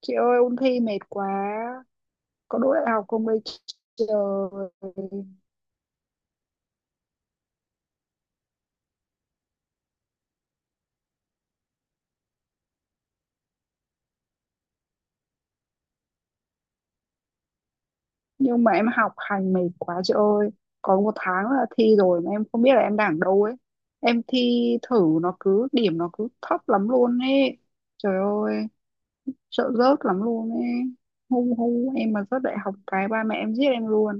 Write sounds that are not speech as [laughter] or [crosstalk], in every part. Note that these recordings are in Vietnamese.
Chị ơi ôn thi mệt quá. Có đỗ đại học không đây, trời. Nhưng mà em học hành mệt quá chị ơi. Còn một tháng là thi rồi mà em không biết là em đang ở đâu ấy. Em thi thử nó cứ điểm nó cứ thấp lắm luôn ấy. Trời ơi, sợ rớt lắm luôn ấy. Hung hung Em mà rớt đại học cái ba mẹ em giết em luôn.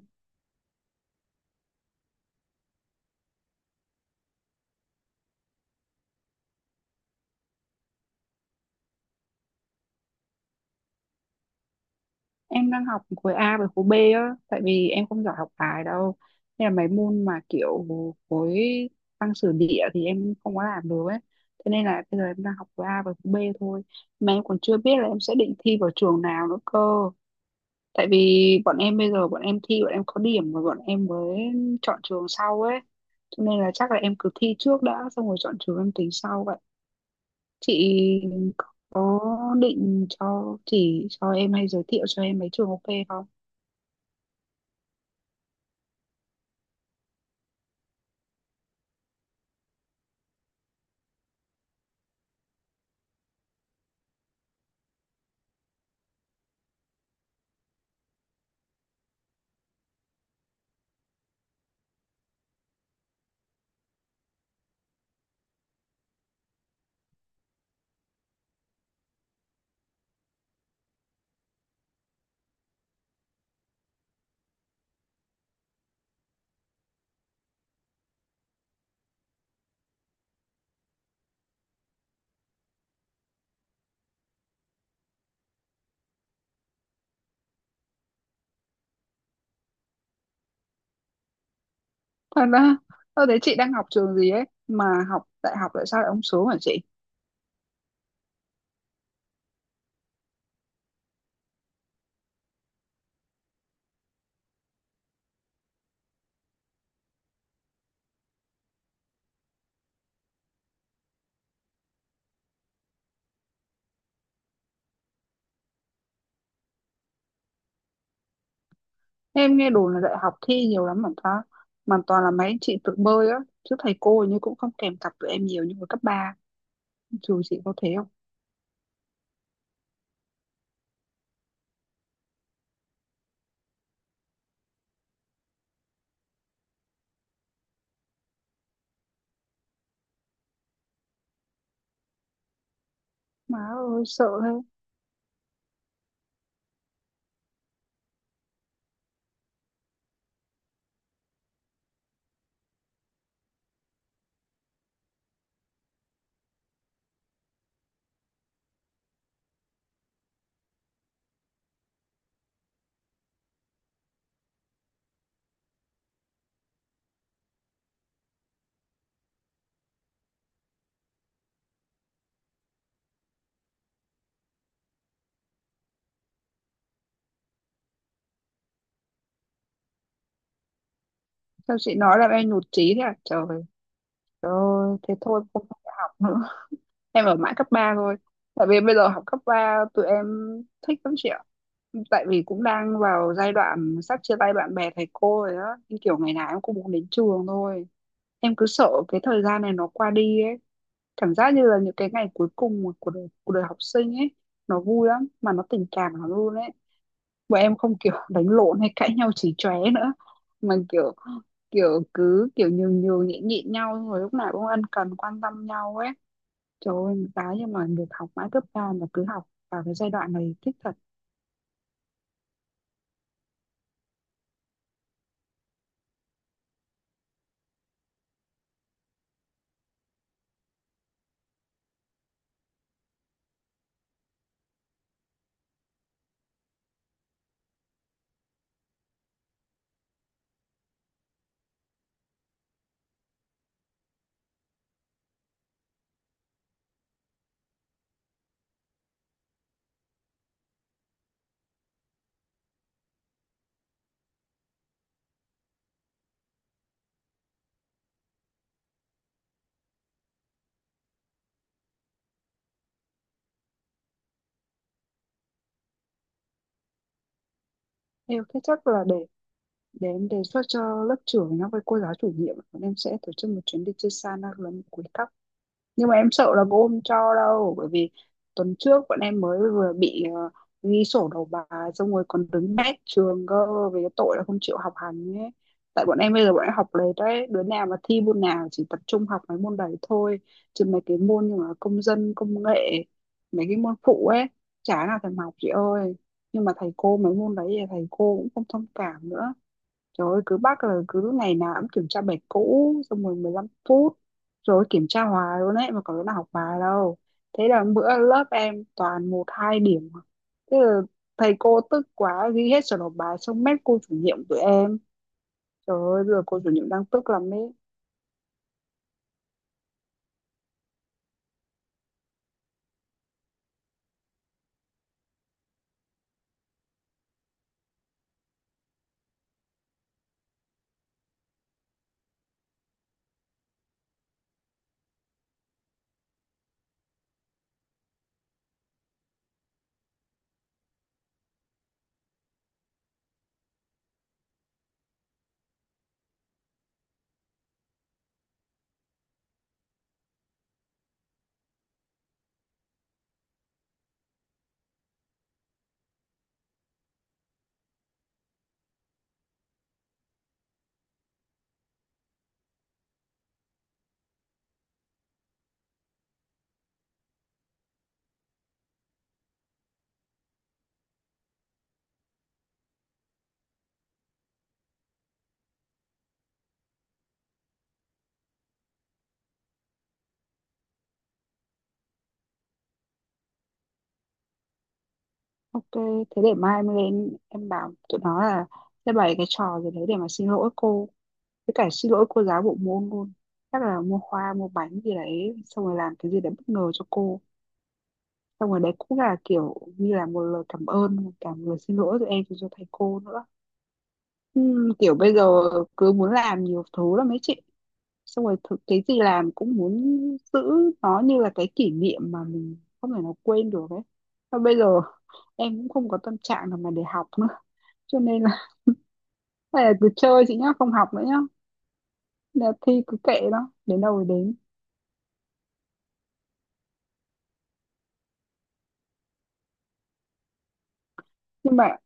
Em đang học khối A với khối B á, tại vì em không giỏi học bài đâu, nên là mấy môn mà kiểu khối văn sử địa thì em không có làm được ấy. Thế nên là bây giờ em đang học khối A với khối B thôi, mà em còn chưa biết là em sẽ định thi vào trường nào nữa cơ. Tại vì bọn em bây giờ bọn em thi, bọn em có điểm rồi bọn em mới chọn trường sau ấy, cho nên là chắc là em cứ thi trước đã, xong rồi chọn trường em tính sau vậy. Chị có định cho chỉ cho em hay giới thiệu cho em mấy trường ok không? Thật ra, tôi thấy chị đang học trường gì ấy, mà học đại học tại sao lại không sướng hả chị? Em nghe đồn là đại học thi nhiều lắm mà ta, mà toàn là mấy anh chị tự bơi á, chứ thầy cô hình như cũng không kèm cặp tụi em nhiều như hồi cấp ba. Trường chị có thế không? Má ơi, sợ thế. Sao chị nói là em nhụt chí thế à? Trời, trời ơi, thế thôi không học học nữa, em ở mãi cấp 3 thôi. Tại vì bây giờ học cấp 3 tụi em thích lắm chị ạ. Tại vì cũng đang vào giai đoạn sắp chia tay bạn bè thầy cô rồi á, nhưng kiểu ngày nào em cũng muốn đến trường thôi. Em cứ sợ cái thời gian này nó qua đi ấy, cảm giác như là những cái ngày cuối cùng của đời, của đời học sinh ấy, nó vui lắm mà nó tình cảm lắm luôn ấy. Bọn em không kiểu [laughs] đánh lộn hay cãi nhau chỉ chóe nữa, mà kiểu kiểu cứ kiểu nhường nhường nhịn nhịn nhau, xong rồi lúc nào cũng ân cần quan tâm nhau ấy. Trời ơi, cái nhưng mà được học mãi cấp ba mà cứ học vào cái giai đoạn này thích thật. Em thế chắc là để em đề xuất cho lớp trưởng nó với cô giáo chủ nhiệm bọn em sẽ tổ chức một chuyến đi chơi xa na lắm cuối cấp. Nhưng mà em sợ là cô không cho đâu, bởi vì tuần trước bọn em mới vừa bị ghi sổ đầu bài, xong rồi còn đứng bét trường cơ, về cái tội là không chịu học hành ấy. Tại bọn em bây giờ bọn em học lệch đấy, đứa nào mà thi môn nào chỉ tập trung học mấy môn đấy thôi, chứ mấy cái môn như là công dân công nghệ, mấy cái môn phụ ấy, chả nào thèm học chị ơi. Nhưng mà thầy cô mấy môn đấy thì thầy cô cũng không thông cảm nữa. Trời ơi, cứ bắt là cứ lúc ngày nào cũng kiểm tra bài cũ, xong rồi 15 phút, rồi kiểm tra hoài luôn ấy, mà có đứa nào học bài đâu. Thế là bữa lớp em toàn một hai điểm. Thế là thầy cô tức quá ghi hết sổ nộp bài xong mét cô chủ nhiệm tụi em. Trời ơi, giờ cô chủ nhiệm đang tức lắm đấy. Ok, thế để mai em lên em bảo tụi nó là sẽ bày cái trò gì đấy để mà xin lỗi cô, với cả xin lỗi cô giáo bộ môn luôn. Chắc là mua hoa mua bánh gì đấy, xong rồi làm cái gì đấy bất ngờ cho cô, xong rồi đấy cũng là kiểu như là một lời cảm ơn và cả một lời xin lỗi từ em cho thầy cô nữa. Kiểu bây giờ cứ muốn làm nhiều thứ lắm mấy chị, xong rồi thực cái gì làm cũng muốn giữ nó như là cái kỷ niệm mà mình không thể nào quên được ấy. Và bây giờ em cũng không có tâm trạng nào mà để học nữa, cho nên là [laughs] hay là cứ chơi chị nhá, không học nữa nhá, là thi cứ kệ nó đến đâu rồi đến. Nhưng mà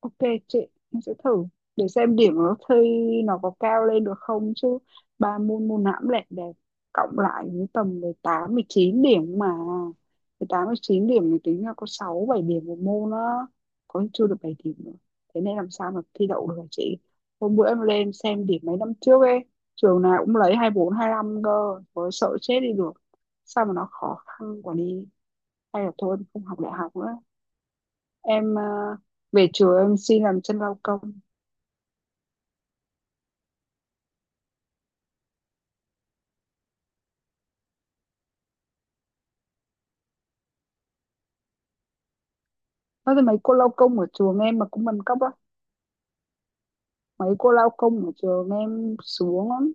ok chị, em sẽ thử, để xem điểm nó thi nó có cao lên được không chứ. Ba môn môn nào cũng đẹp đẹp, cộng lại cũng tầm 18 chín điểm mà. 18 chín điểm thì tính là có 6 7 điểm một môn đó, có khi chưa được 7 điểm nữa. Thế nên làm sao mà thi đậu được hả chị? Hôm bữa em lên xem điểm mấy năm trước ấy, trường nào cũng lấy hai bốn hai 25 cơ, có sợ chết đi được. Sao mà nó khó khăn quá đi. Hay là thôi em không học đại học nữa, em à, về chùa em xin làm chân lao công. Nói thì mấy cô lao công ở chùa em mà cũng bằng cấp á? Mấy cô lao công ở chùa em xuống lắm.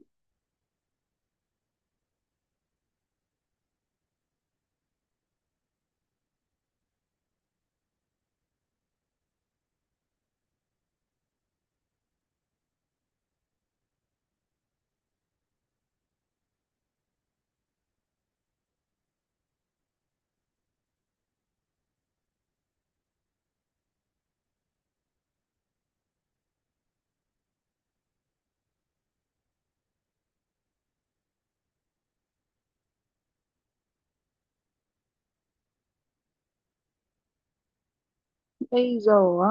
Bây giờ á,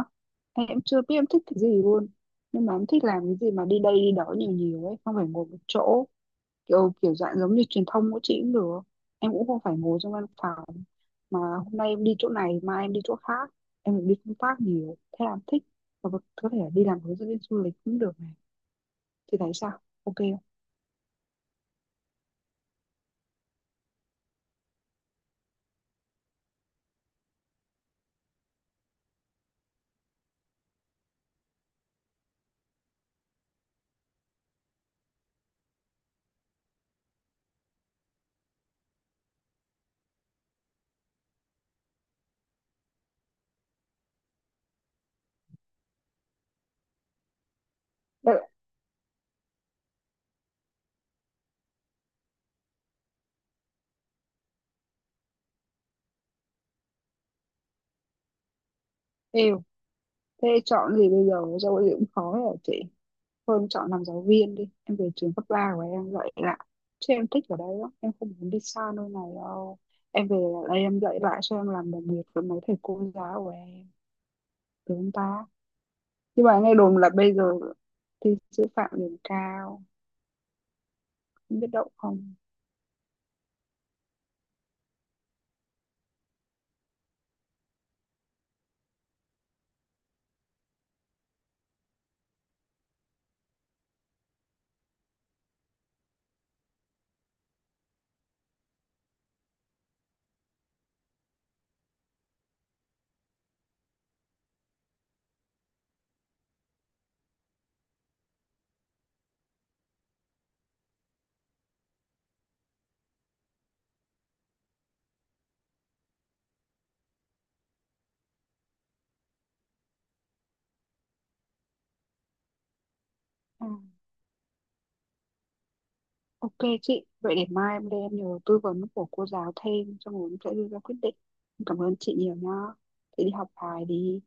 em chưa biết em thích cái gì luôn, nhưng mà em thích làm cái gì mà đi đây đi đó nhiều nhiều ấy, không phải ngồi một chỗ. Kiểu kiểu dạng giống như truyền thông của chị cũng được, em cũng không phải ngồi trong văn phòng, mà hôm nay em đi chỗ này mai em đi chỗ khác, em được đi công tác nhiều thế là em thích. Và có thể là đi làm hướng dẫn viên du lịch cũng được này, thì thấy sao, ok không? Đợi- thế chọn gì bây giờ giáo gì cũng khó rồi chị. Hơn chọn làm giáo viên đi, em về trường cấp 3 của em dạy lại. Chứ em thích ở đây lắm, em không muốn đi xa nơi này đâu. Em về lại đây em dạy lại, cho em làm đồng nghiệp với mấy thầy cô giáo của em. Tướng ta. Nhưng mà nghe đồn là bây giờ thi sư phạm điểm cao, không biết đậu không. à, Ok chị, vậy để mai em lên em nhờ tư vấn của cô giáo thêm, xong rồi em sẽ đưa ra quyết định. Em cảm ơn chị nhiều nhá. Chị đi học bài đi.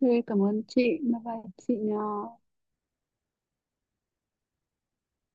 Thế cảm ơn chị, bye bye chị nha.